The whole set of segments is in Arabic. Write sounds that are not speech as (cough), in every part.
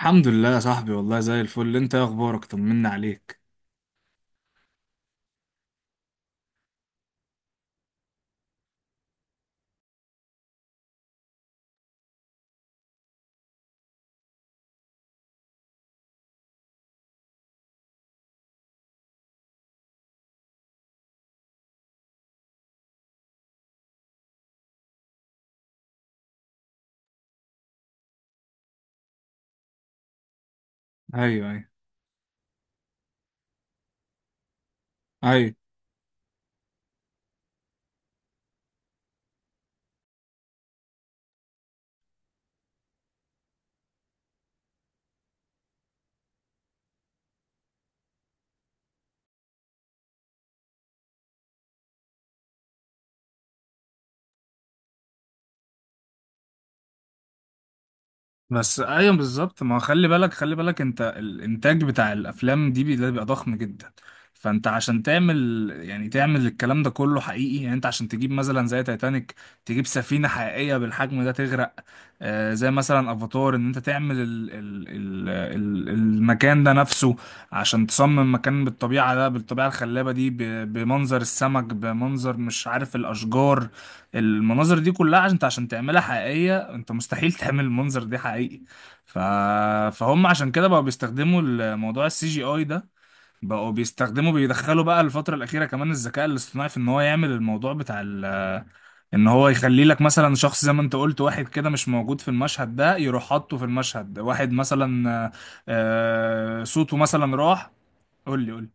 الحمد لله يا صاحبي، والله زي الفل. انت ايه اخبارك؟ طمنا عليك. ايوه، ايوه، ايوه. بس ايوه بالظبط. ما هو خلي بالك، خلي بالك، انت الانتاج بتاع الافلام دي ده بيبقى ضخم جدا. فانت عشان تعمل، يعني تعمل الكلام ده كله حقيقي، يعني انت عشان تجيب مثلا زي تايتانيك، تجيب سفينة حقيقية بالحجم ده تغرق. آه، زي مثلا افاتار، ان انت تعمل ال المكان ده نفسه، عشان تصمم مكان بالطبيعة ده، بالطبيعة الخلابة دي، بمنظر السمك، بمنظر مش عارف الاشجار، المناظر دي كلها، عشان انت عشان تعملها حقيقية، انت مستحيل تعمل المنظر دي حقيقي. ف... فهم عشان كده بقوا بيستخدموا الموضوع السي جي اي ده. بقوا بيستخدموا، بيدخلوا بقى الفترة الأخيرة كمان الذكاء الاصطناعي، في ان هو يعمل الموضوع بتاع ان هو يخلي لك مثلا شخص زي ما انت قلت، واحد كده مش موجود في المشهد ده، يروح حاطه في المشهد. واحد مثلا، آه، صوته مثلا راح. قول لي، قول لي.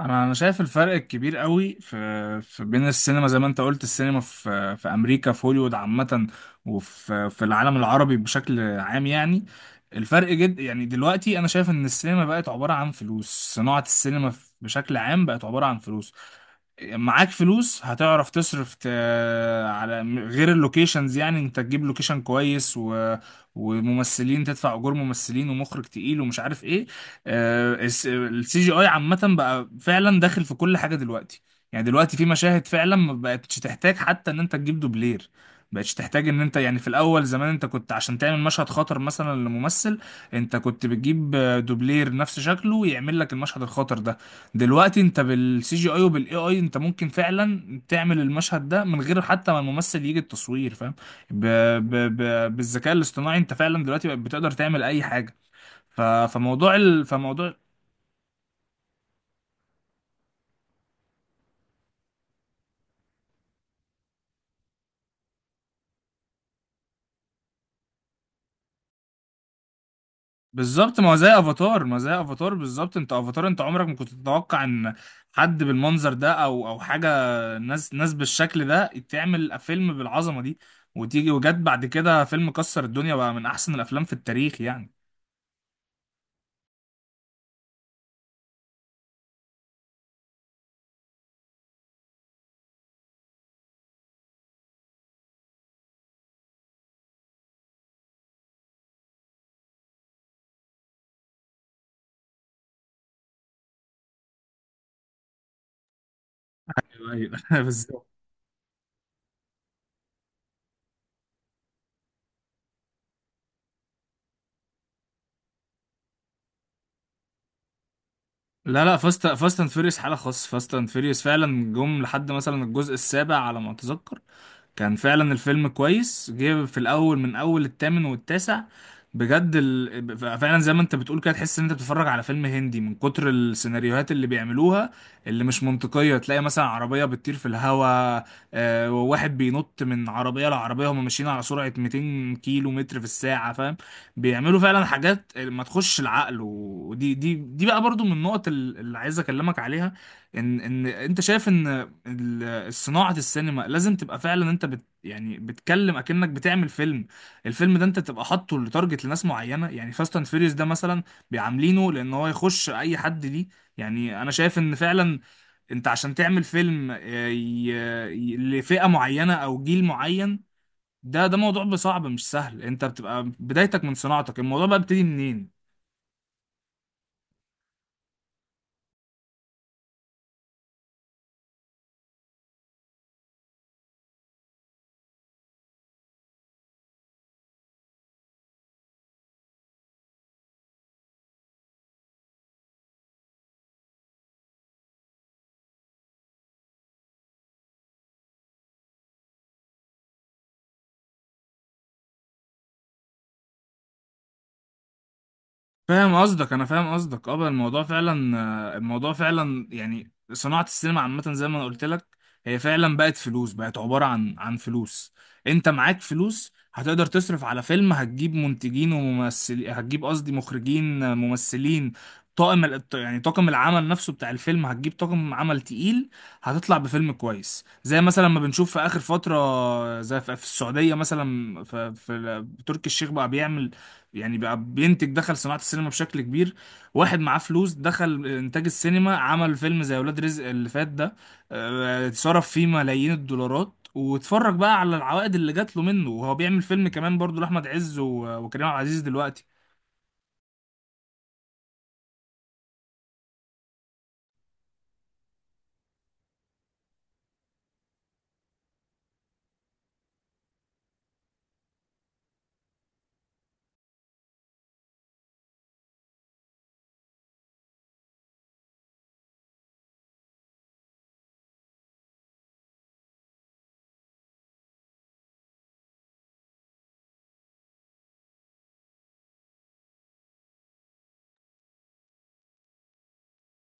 انا شايف الفرق الكبير قوي في بين السينما زي ما انت قلت، السينما في امريكا، في هوليوود عامه، وفي العالم العربي بشكل عام يعني. الفرق جد، يعني دلوقتي انا شايف ان السينما بقت عباره عن فلوس. صناعه السينما بشكل عام بقت عباره عن فلوس. معاك فلوس هتعرف تصرف، على غير اللوكيشنز. يعني انت تجيب لوكيشن كويس وممثلين، تدفع اجور ممثلين ومخرج تقيل ومش عارف ايه. السي جي اي عامة بقى فعلا داخل في كل حاجة دلوقتي. يعني دلوقتي في مشاهد فعلا ما بقتش تحتاج حتى ان انت تجيب دوبلير. بقتش تحتاج ان انت يعني، في الاول زمان انت كنت عشان تعمل مشهد خطر مثلا لممثل، انت كنت بتجيب دوبلير نفس شكله يعمل لك المشهد الخطر ده. دلوقتي انت بالسي جي اي وبالاي اي، انت ممكن فعلا تعمل المشهد ده من غير حتى ما الممثل يجي التصوير، فاهم؟ ب... بالذكاء الاصطناعي انت فعلا دلوقتي بقت بتقدر تعمل اي حاجه. فموضوع بالظبط. ما هو زي افاتار، ما هو زي افاتار بالظبط. انت افاتار انت عمرك ما كنت تتوقع ان حد بالمنظر ده او حاجه، ناس، ناس بالشكل ده تعمل فيلم بالعظمه دي، وتيجي وجت بعد كده فيلم كسر الدنيا بقى، من احسن الافلام في التاريخ يعني. ايوه (laughs) بالظبط. لا لا، فاست اند فيريوس حاله خاصه. فاست اند فيريوس فعلا جم لحد مثلا الجزء السابع على ما اتذكر، كان فعلا الفيلم كويس، جه في الاول من اول التامن والتاسع بجد فعلا زي ما انت بتقول كده، تحس ان انت بتتفرج على فيلم هندي من كتر السيناريوهات اللي بيعملوها اللي مش منطقية. تلاقي مثلا عربية بتطير في الهواء، آه، وواحد بينط من عربية لعربية، هم ماشيين على سرعة 200 كيلو متر في الساعة، فاهم؟ بيعملوا فعلا حاجات ما تخش العقل. ودي دي دي بقى برضو من النقط اللي عايز اكلمك عليها. ان انت شايف ان صناعة السينما لازم تبقى فعلا، انت بت يعني بتكلم اكنك بتعمل فيلم. الفيلم ده انت تبقى حاطه لتارجت لناس معينة. يعني فاست اند فيريوس ده مثلا بيعاملينه لان هو يخش اي حد ليه. يعني انا شايف ان فعلا انت عشان تعمل فيلم، لفئة معينة او جيل معين، ده موضوع صعب مش سهل. انت بتبقى بدايتك من صناعتك، الموضوع بقى بيبتدي منين؟ فاهم قصدك، انا فاهم قصدك. اه، بقى الموضوع فعلا، الموضوع فعلا يعني صناعة السينما عامة زي ما انا قلت لك، هي فعلا بقت فلوس، بقت عبارة عن فلوس. انت معاك فلوس هتقدر تصرف على فيلم، هتجيب منتجين وممثلين، هتجيب قصدي مخرجين، ممثلين، يعني طاقم العمل نفسه بتاع الفيلم، هتجيب طاقم عمل تقيل، هتطلع بفيلم كويس زي مثلا ما بنشوف في اخر فترة. زي في السعودية مثلا، في تركي الشيخ بقى بيعمل، يعني بقى بينتج، دخل صناعة السينما بشكل كبير. واحد معاه فلوس دخل إنتاج السينما، عمل فيلم زي ولاد رزق اللي فات ده. صرف فيه ملايين الدولارات، واتفرج بقى على العوائد اللي جات له منه. وهو بيعمل فيلم كمان برضو لأحمد عز وكريم عبد العزيز دلوقتي.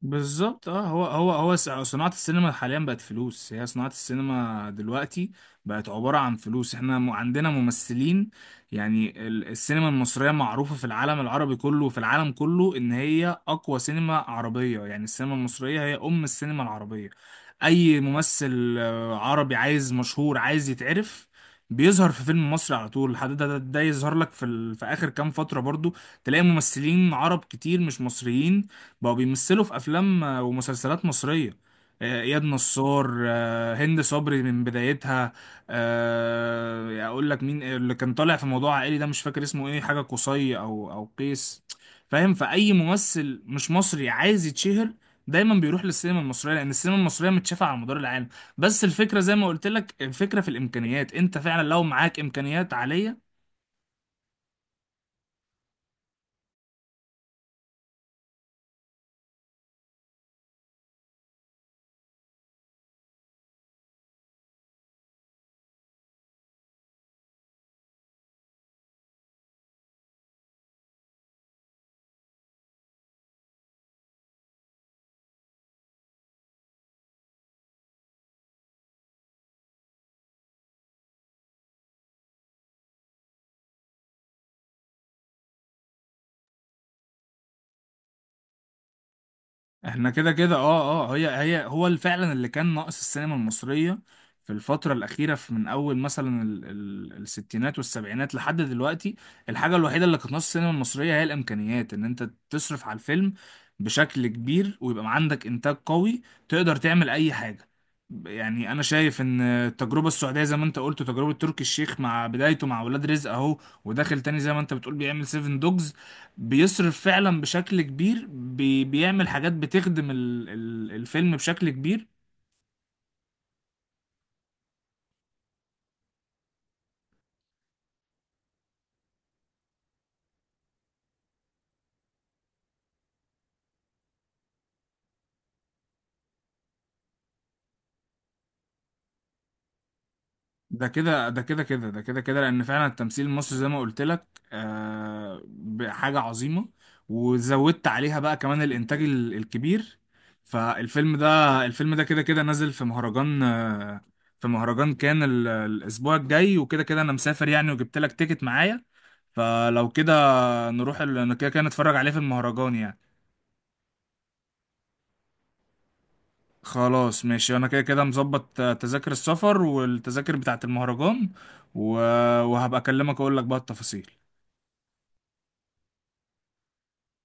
بالظبط. اه، صناعة السينما حاليا بقت فلوس. هي صناعة السينما دلوقتي بقت عبارة عن فلوس. احنا عندنا ممثلين. يعني السينما المصرية معروفة في العالم العربي كله، وفي العالم كله ان هي اقوى سينما عربية. يعني السينما المصرية هي ام السينما العربية. اي ممثل عربي عايز مشهور، عايز يتعرف، بيظهر في فيلم مصري على طول. لحد ده يظهر لك في اخر كام فترة برضو، تلاقي ممثلين عرب كتير مش مصريين بقوا بيمثلوا في افلام ومسلسلات مصريه. اياد نصار، هند صبري من بدايتها. اقول لك مين اللي كان طالع في موضوع عائلي ده، مش فاكر اسمه ايه، حاجه قصي او قيس. فاهم؟ فاي ممثل مش مصري عايز يتشهر، دايما بيروح للسينما المصريه، لان السينما المصريه متشافه على مدار العالم. بس الفكره زي ما قلت لك، الفكره في الامكانيات. انت فعلا لو معاك امكانيات عاليه، احنا كده كده. اه هي هو اللي فعلا، اللي كان ناقص السينما المصرية في الفترة الأخيرة، في من أول مثلا الستينات والسبعينات لحد دلوقتي، الحاجة الوحيدة اللي كانت ناقص السينما المصرية هي الإمكانيات. إن أنت تصرف على الفيلم بشكل كبير، ويبقى عندك إنتاج قوي، تقدر تعمل أي حاجة. يعني أنا شايف إن التجربة السعودية زي ما أنت قلت، تجربة تركي الشيخ مع بدايته مع ولاد رزق أهو، وداخل تاني زي ما أنت بتقول بيعمل سيفن دوجز. بيصرف فعلا بشكل كبير، بيعمل حاجات بتخدم ال الفيلم بشكل كبير. ده كده ده كده كده، ده كده كده، لأن فعلا التمثيل المصري زي ما قلت لك آه، حاجة عظيمة. وزودت عليها بقى كمان الإنتاج الكبير. فالفيلم ده، الفيلم ده كده كده نازل في مهرجان، آه، في مهرجان كان الأسبوع الجاي، وكده كده أنا مسافر يعني، وجبت لك تيكت معايا. فلو كده، نروح كده كده نتفرج عليه في المهرجان يعني. خلاص ماشي، انا كده كده مظبط، تذاكر السفر والتذاكر بتاعة المهرجان، و... وهبقى اكلمك اقول لك بقى التفاصيل.